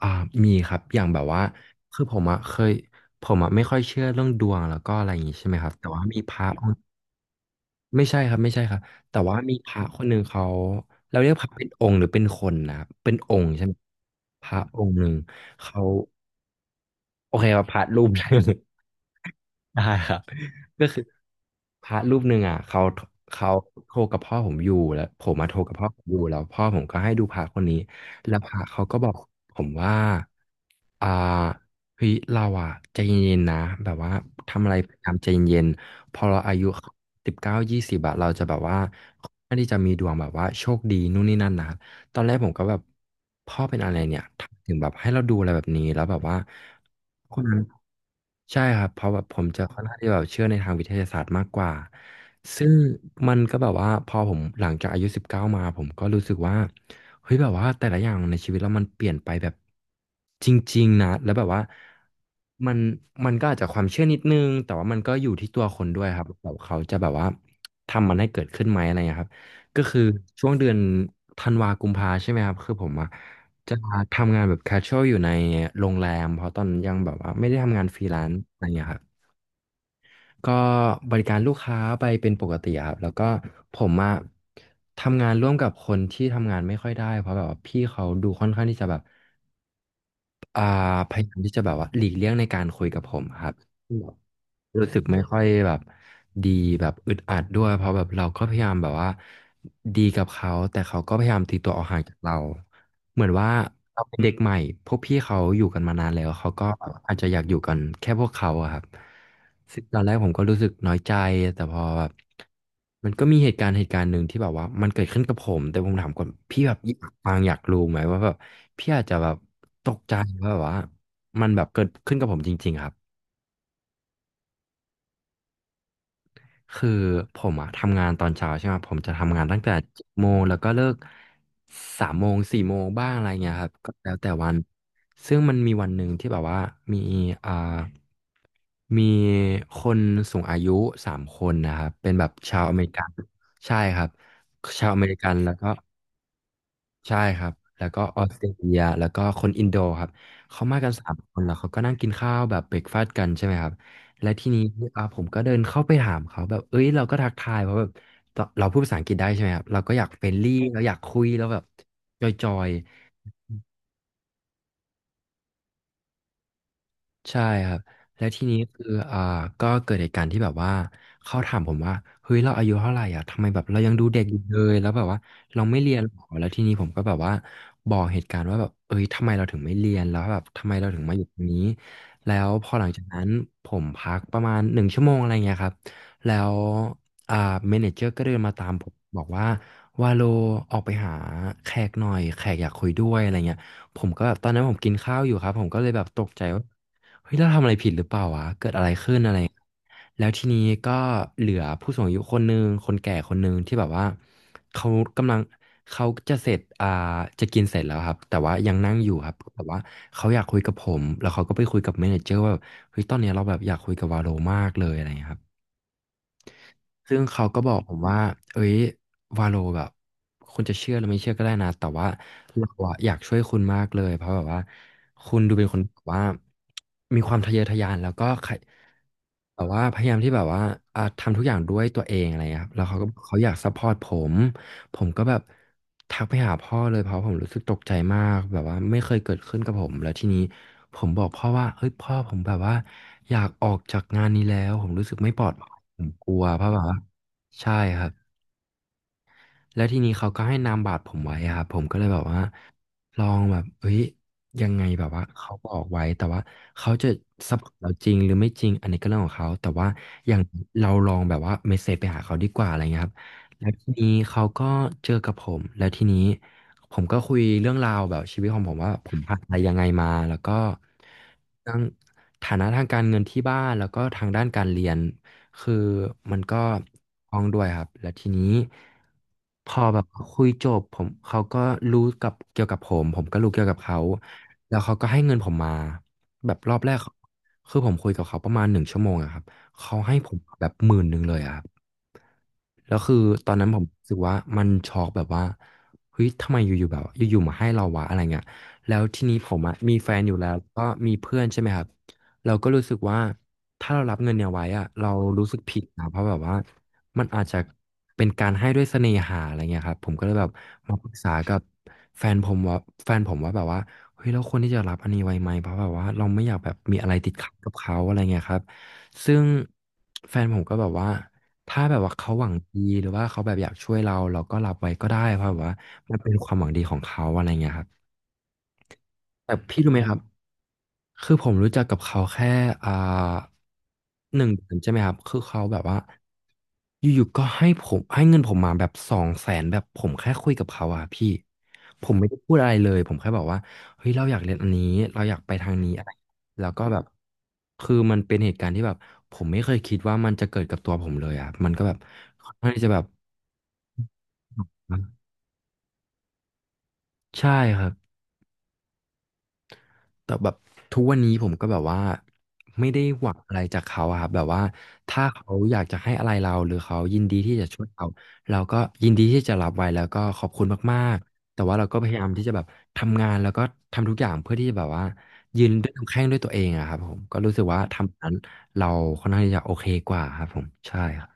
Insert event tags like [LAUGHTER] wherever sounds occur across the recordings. อ่ามีครับอย่างแบบว่าคือผมอะไม่ค่อยเชื่อเรื่องดวงแล้วก็อะไรอย่างงี้ใช่ไหมครับแต่ว่ามีพระองค์ไม่ใช่ครับไม่ใช่ครับแต่ว่ามีพระคนหนึ่งเราเรียกพระเป็นองค์หรือเป็นคนนะครับเป็นองค์ใช่ไหมพระองค์หนึ่งเขาโอเคครับพระรูป [LAUGHS] ได้ได้ครับก็คือ พระรูปหนึ่งอ่ะเขาโทรกับพ่อผมอยู่แล้วผมมาโทรกับพ่อผมอยู่แล้วพ่อผมก็ให้ดูพระคนนี้แล้วพระเขาก็บอกผมว่าอ่าเฮ้ยเราอ่ะใจเย็นๆนะแบบว่าทำอะไรพยายามใจเย็นๆพอเราอายุ19 20อะเราจะแบบว่าไม่ได้จะมีดวงแบบว่าโชคดีนู่นนี่นั่นนะตอนแรกผมก็แบบพ่อเป็นอะไรเนี่ยทำไมถึงแบบให้เราดูอะไรแบบนี้แล้วแบบว่า คนนั้นใช่ครับเพราะแบบผมจะค่อนข้างที่แบบเชื่อในทางวิทยาศาสตร์มากกว่าซึ่งมันก็แบบว่าพอผมหลังจากอายุสิบเก้ามาผมก็รู้สึกว่าเฮ้ยแบบว่าแต่ละอย่างในชีวิตเรามันเปลี่ยนไปแบบจริงๆนะแล้วแบบว่ามันมันก็อาจจะความเชื่อนิดนึงแต่ว่ามันก็อยู่ที่ตัวคนด้วยครับแบบเขาจะแบบว่าทำมันให้เกิดขึ้นไหมอะไรเงี้ยครับก็คือช่วงเดือนธันวากุมภาใช่ไหมครับคือผมอะ จะทำงานแบบ casual อยู่ในโรงแรมเพราะตอนนั้นยังแบบว่าไม่ได้ทำงานฟรีแลนซ์อะไรเงี้ยครับก็บริการลูกค้าไปเป็นปกติอะครับแล้วก็ผมอะทำงานร่วมกับคนที่ทำงานไม่ค่อยได้เพราะแบบว่าพี่เขาดูค่อนข้างที่จะแบบอ่าพยายามที่จะแบบว่าหลีกเลี่ยงในการคุยกับผมอะครับ รู้สึกไม่ค่อยแบบดีแบบอึดอัดด้วยเพราะแบบเราก็พยายามแบบว่าดีกับเขาแต่เขาก็พยายามตีตัวออกห่างจากเราเหมือนว่าเราเป็นเด็กใหม่พวกพี่เขาอยู่กันมานานแล้วเขาก็อาจจะอยากอยู่กันแค่พวกเขาอะครับซึ่งตอนแรกผมก็รู้สึกน้อยใจแต่พอแบบมันก็มีเหตุการณ์หนึ่งที่แบบว่ามันเกิดขึ้นกับผมแต่ผมถามก่อนพี่แบบอยากฟังอยากรู้ไหมว่าแบบพี่อาจจะแบบตกใจว่าแบบว่ามันแบบเกิดขึ้นกับผมจริงๆครับ คือผมอะทำงานตอนเช้าใช่ไหมผมจะทำงานตั้งแต่7 โมงแล้วก็เลิก3 โมง 4 โมงบ้างอะไรเงี้ยครับก็แล้วแต่วันซึ่งมันมีวันหนึ่งที่แบบว่ามีอ่ามีคนสูงอายุสามคนนะครับเป็นแบบชาวอเมริกันใช่ครับชาวอเมริกันแล้วก็ ใช่ครับ แล้วก็ออสเตรเลียแล้วก็คนอินโดครับ เขามากันสามคน แล้วเขาก็นั่งกินข้าวแบบเบรกฟาสต์กันใช่ไหมครับ และทีนี้ผมก็เดินเข้าไปถามเขาแบบเอ้ยเราก็ทักทายเพราะแบบเราพูดภาษาอังกฤษได้ใช่ไหมครับ เราก็อยากเฟรนลี่เราอยากคุยแล้วแบบจอยๆ ใช่ครับแล้วทีนี้คืออ่าก็เกิดเหตุการณ์ที่แบบว่าเขาถามผมว่าเฮ้ยเราอายุเท่าไหร่อ่ะทำไมแบบเรายังดูเด็กอยู่เลยแล้วแบบว่าเราไม่เรียนหรอแล้วทีนี้ผมก็แบบว่าบอกเหตุการณ์ว่าแบบเอ้ยทำไมเราถึงไม่เรียนแล้วแบบทำไมเราถึงมาอยู่ตรงนี้แล้วพอหลังจากนั้นผมพักประมาณ1 ชั่วโมงอะไรเงี้ยครับแล้วอ่าเมเนเจอร์ก็เดินมาตามผมบอกว่าวาโลออกไปหาแขกหน่อยแขกอยากคุยด้วยอะไรเงี้ยผมก็แบบตอนนั้นผมกินข้าวอยู่ครับผมก็เลยแบบตกใจว่า เฮ้ยเราทำอะไรผิดหรือเปล่าวะเกิดอะไรขึ้นอะไรแล้วทีนี้ก็เหลือผู้สูงอายุคนหนึ่งคนแก่คนหนึ่งที่แบบว่าเขากำลังเขาจะเสร็จอ่าจะกินเสร็จแล้วครับแต่ว่ายังนั่งอยู่ครับแต่ว่าเขาอยากคุยกับผมแล้วเขาก็ไปคุยกับเมเนเจอร์ว่าแบบเฮ้ยตอนเนี้ยเราแบบอยากคุยกับวาโลมากเลยอะไรอย่างเงี้ยครับ ซึ่งเขาก็บอกผมว่าเอ้ยวาโลแบบคุณจะเชื่อหรือไม่เชื่อก็ได้นะแต่ว่าเราอะอยากช่วยคุณมากเลยเพราะแบบว่าคุณดูเป็นคนแบบว่ามีความทะเยอทะยานแล้วก็ใครแบบว่าพยายามที่แบบว่าทำทุกอย่างด้วยตัวเองอะไรเงี้ยครับแล้วเขาก็เขาอยากซัพพอร์ตผมผมก็แบบทักไปหาพ่อเลยเพราะผมรู้สึกตกใจมากแบบว่าไม่เคยเกิดขึ้นกับผม แล้วทีนี้ผมบอกพ่อว่าเฮ้ยพ่อผมแบบว่าอยากออกจากงานนี้แล้วผมรู้สึกไม่ปลอด ผมกลัวเพราะแบบว่าใช่ครับแล้วทีนี้เขาก็ให้นามบัตรผมไว้อะครับผมก็เลยแบบว่าลองแบบเอ้ยยังไงแบบว่าเขาบอกไว้แต่ว่าเขาจะซัพพอร์ตเราจริงหรือไม่จริงอันนี้ก็เรื่องของเขาแต่ว่าอย่างเราลองแบบว่าเมสเซจไปหาเขาดีกว่าอะไรเงี้ยครับแล้วทีนี้เขาก็เจอกับผมแล้วทีนี้ผมก็คุยเรื่องราวแบบชีวิตของผมว่าผมผ่านอะไรยังไงมาแล้วก็ทั้งฐานะทางการเงินที่บ้านแล้วก็ทางด้านการเรียน คือมันก็ท้องด้วยครับแล้วทีนี้พอแบบคุยจบผมเขาก็รู้กับเกี่ยวกับผมผมก็รู้เกี่ยวกับเขาแล้วเขาก็ให้เงินผมมาแบบรอบแรกเขาคือผมคุยกับเขาประมาณ1 ชั่วโมงอะครับเขาให้ผมแบบหมื่นหนึ่งเลยอะครับแล้วคือตอนนั้นผมรู้สึกว่ามันช็อกแบบว่าเฮ้ยทำไมอยู่ๆแบบอยู่ๆมาให้เราวะอะไรเงี้ยแล้วทีนี้ผมอะมีแฟนอยู่แล้วก็มีเพื่อนใช่ไหมครับ เราก็รู้สึกว่าถ้าเรารับเงินเนี่ยไว้อะเรารู้สึกผิดนะเพราะแบบว่ามันอาจจะเป็นการให้ด้วยเสน่หาอะไรเงี้ยครับผมก็เลยแบบมาปรึกษากับแฟนผมว่าแฟนผมว่าแบบว่าเฮ้ยเราควรที่จะรับอันนี้ไว้ไหมเพราะแบบว่าเราไม่อยากแบบมีอะไรติดขัดกับเขาอะไรเงี้ยครับซึ่งแฟนผมก็แบบว่าถ้าแบบว่าเขาหวังดีหรือว่าเขาแบบอยากช่วยเราเราก็รับไว้ก็ได้เพราะแบบว่ามันเป็นความหวังดีของเขาอะไรเงี้ยครับแต่พี่รู้ไหมครับ คือผมรู้จักกับเขาแค่อ่า1 เดือนใช่ไหมครับคือเขาแบบว่าอยู่ๆก็ให้ผมให้เงินผมมาแบบ200,000แบบผมแค่คุยกับเขาอะพี่ผมไม่ได้พูดอะไรเลยผมแค่บอกว่าเฮ้ยเราอยากเรียนอันนี้เราอยากไปทางนี้อะไรแล้วก็แบบคือมันเป็นเหตุการณ์ที่แบบผมไม่เคยคิดว่ามันจะเกิดกับตัวผมเลยอะมันก็แบบค่อนข้างที่จะแบบใช่ครับ แต่แบบทุกวันนี้ผมก็แบบว่าไม่ได้หวังอะไรจากเขาอะครับแบบว่าถ้าเขาอยากจะให้อะไรเราหรือเขายินดีที่จะช่วยเราเราก็ยินดีที่จะรับไว้แล้วก็ขอบคุณมากๆแต่ว่าเราก็พยายามที่จะแบบทำงานแล้วก็ทำทุกอย่างเพื่อที่จะแบบว่ายืนด้วยลำแข้งด้วยตัวเองอะครับผมก็รู้สึกว่าทำนั้นเราค่อนข้างที่จะโอเคกว่าครับผมใช่ครับ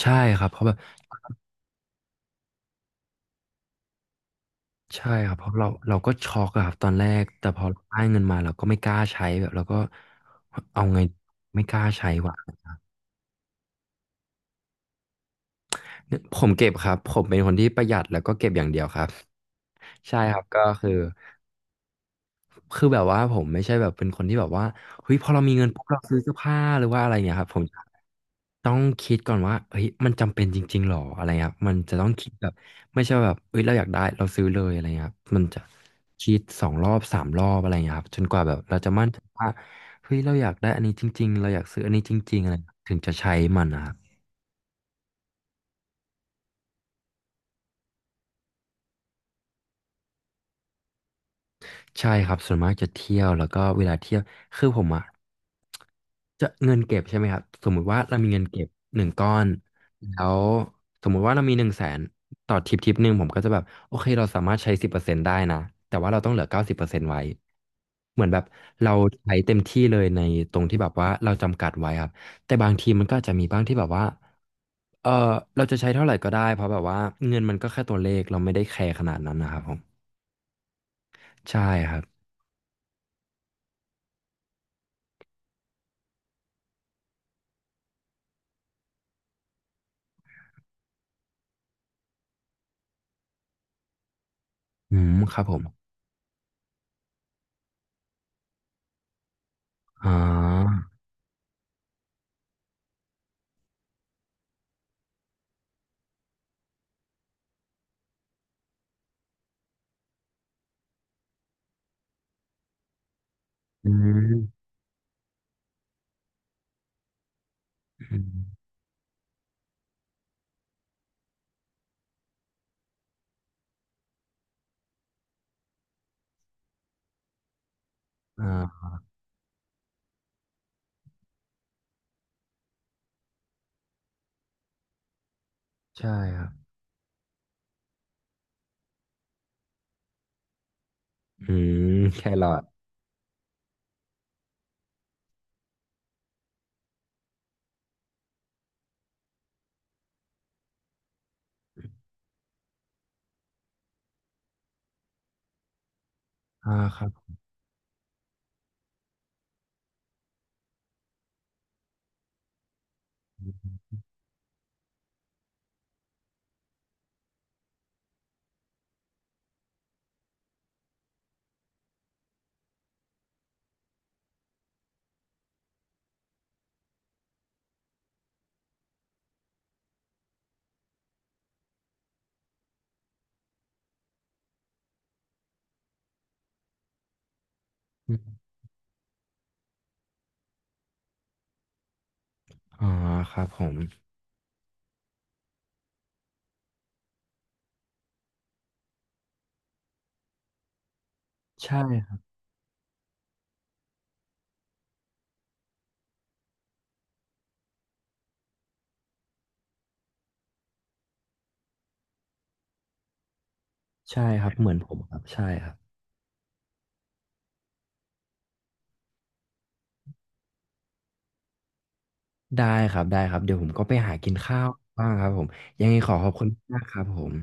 ใช่ครับเพราะแบบ ใช่ครับเพราะเราก็ช็อกอะครับตอนแรกแต่พอเราได้เงินมาเราก็ไม่กล้าใช้แบบเราก็เอาไงไม่กล้าใช้ว่ะเนี่ยผมเก็บครับผมเป็นคนที่ประหยัดแล้วก็เก็บอย่างเดียวครับใช่ครับก็คือ คือแบบว่าผมไม่ใช่แบบเป็นคนที่แบบว่าเฮ้ยพอเรามีเงินปุ๊บเราซื้อเสื้อผ้าหรือว่าอะไรเงี้ยครับผมจะต้องคิดก่อนว่าเฮ้ยมันจำเป็นจริงๆหรออะไรเงี้ยครับมันจะต้องคิดแบบไม่ใช่ว่าแบบเฮ้ยเราอยากได้เราซื้อเลยอะไรเงี้ยครับมันจะคิดสองรอบสามรอบอะไรเงี้ยครับจนกว่าแบบเราจะมั่นใจว่าเฮ้ยเราอยากได้อันนี้จริงๆเราอยากซื้ออันนี้จริงๆอะไรถึงจะใช้มันนะครับ ใช่ครับส่วนมากจะเที่ยวแล้วก็เวลาเที่ยวคือผมอะจะเงินเก็บใช่ไหมครับสมมุติว่าเรามีเงินเก็บหนึ่งก้อนแล้วสมมุติว่าเรามี100,000ต่อทริปทริปหนึ่งผมก็จะแบบโอเคเราสามารถใช้สิบเปอร์เซ็นต์ได้นะแต่ว่าเราต้องเหลือ90%ไว้เหมือนแบบเราใช้เต็มที่เลยในตรงที่แบบว่าเราจำกัดไว้ครับแต่บางทีมันก็อาจจะมีบ้างที่แบบว่าเออเราจะใช้เท่าไหร่ก็ได้เพราะแบบว่าเงินมันก็แค่ตัวเลขเราไม่ได้แคร์ขนาดนั้นนะครับผมใช่ครับอืมครับผม อ๋ออืมอืมอ่าใช่ครับอืมแครอทอ่าครับอมอ๋อครับผมใช่ครับใช่ครับเหมือนผมครับใช่ครับได้ครับได้ครับเดี๋ยวผมก็ไปหากินข้าวบ้างครับผมยังไงขอขอบคุณมากครับผม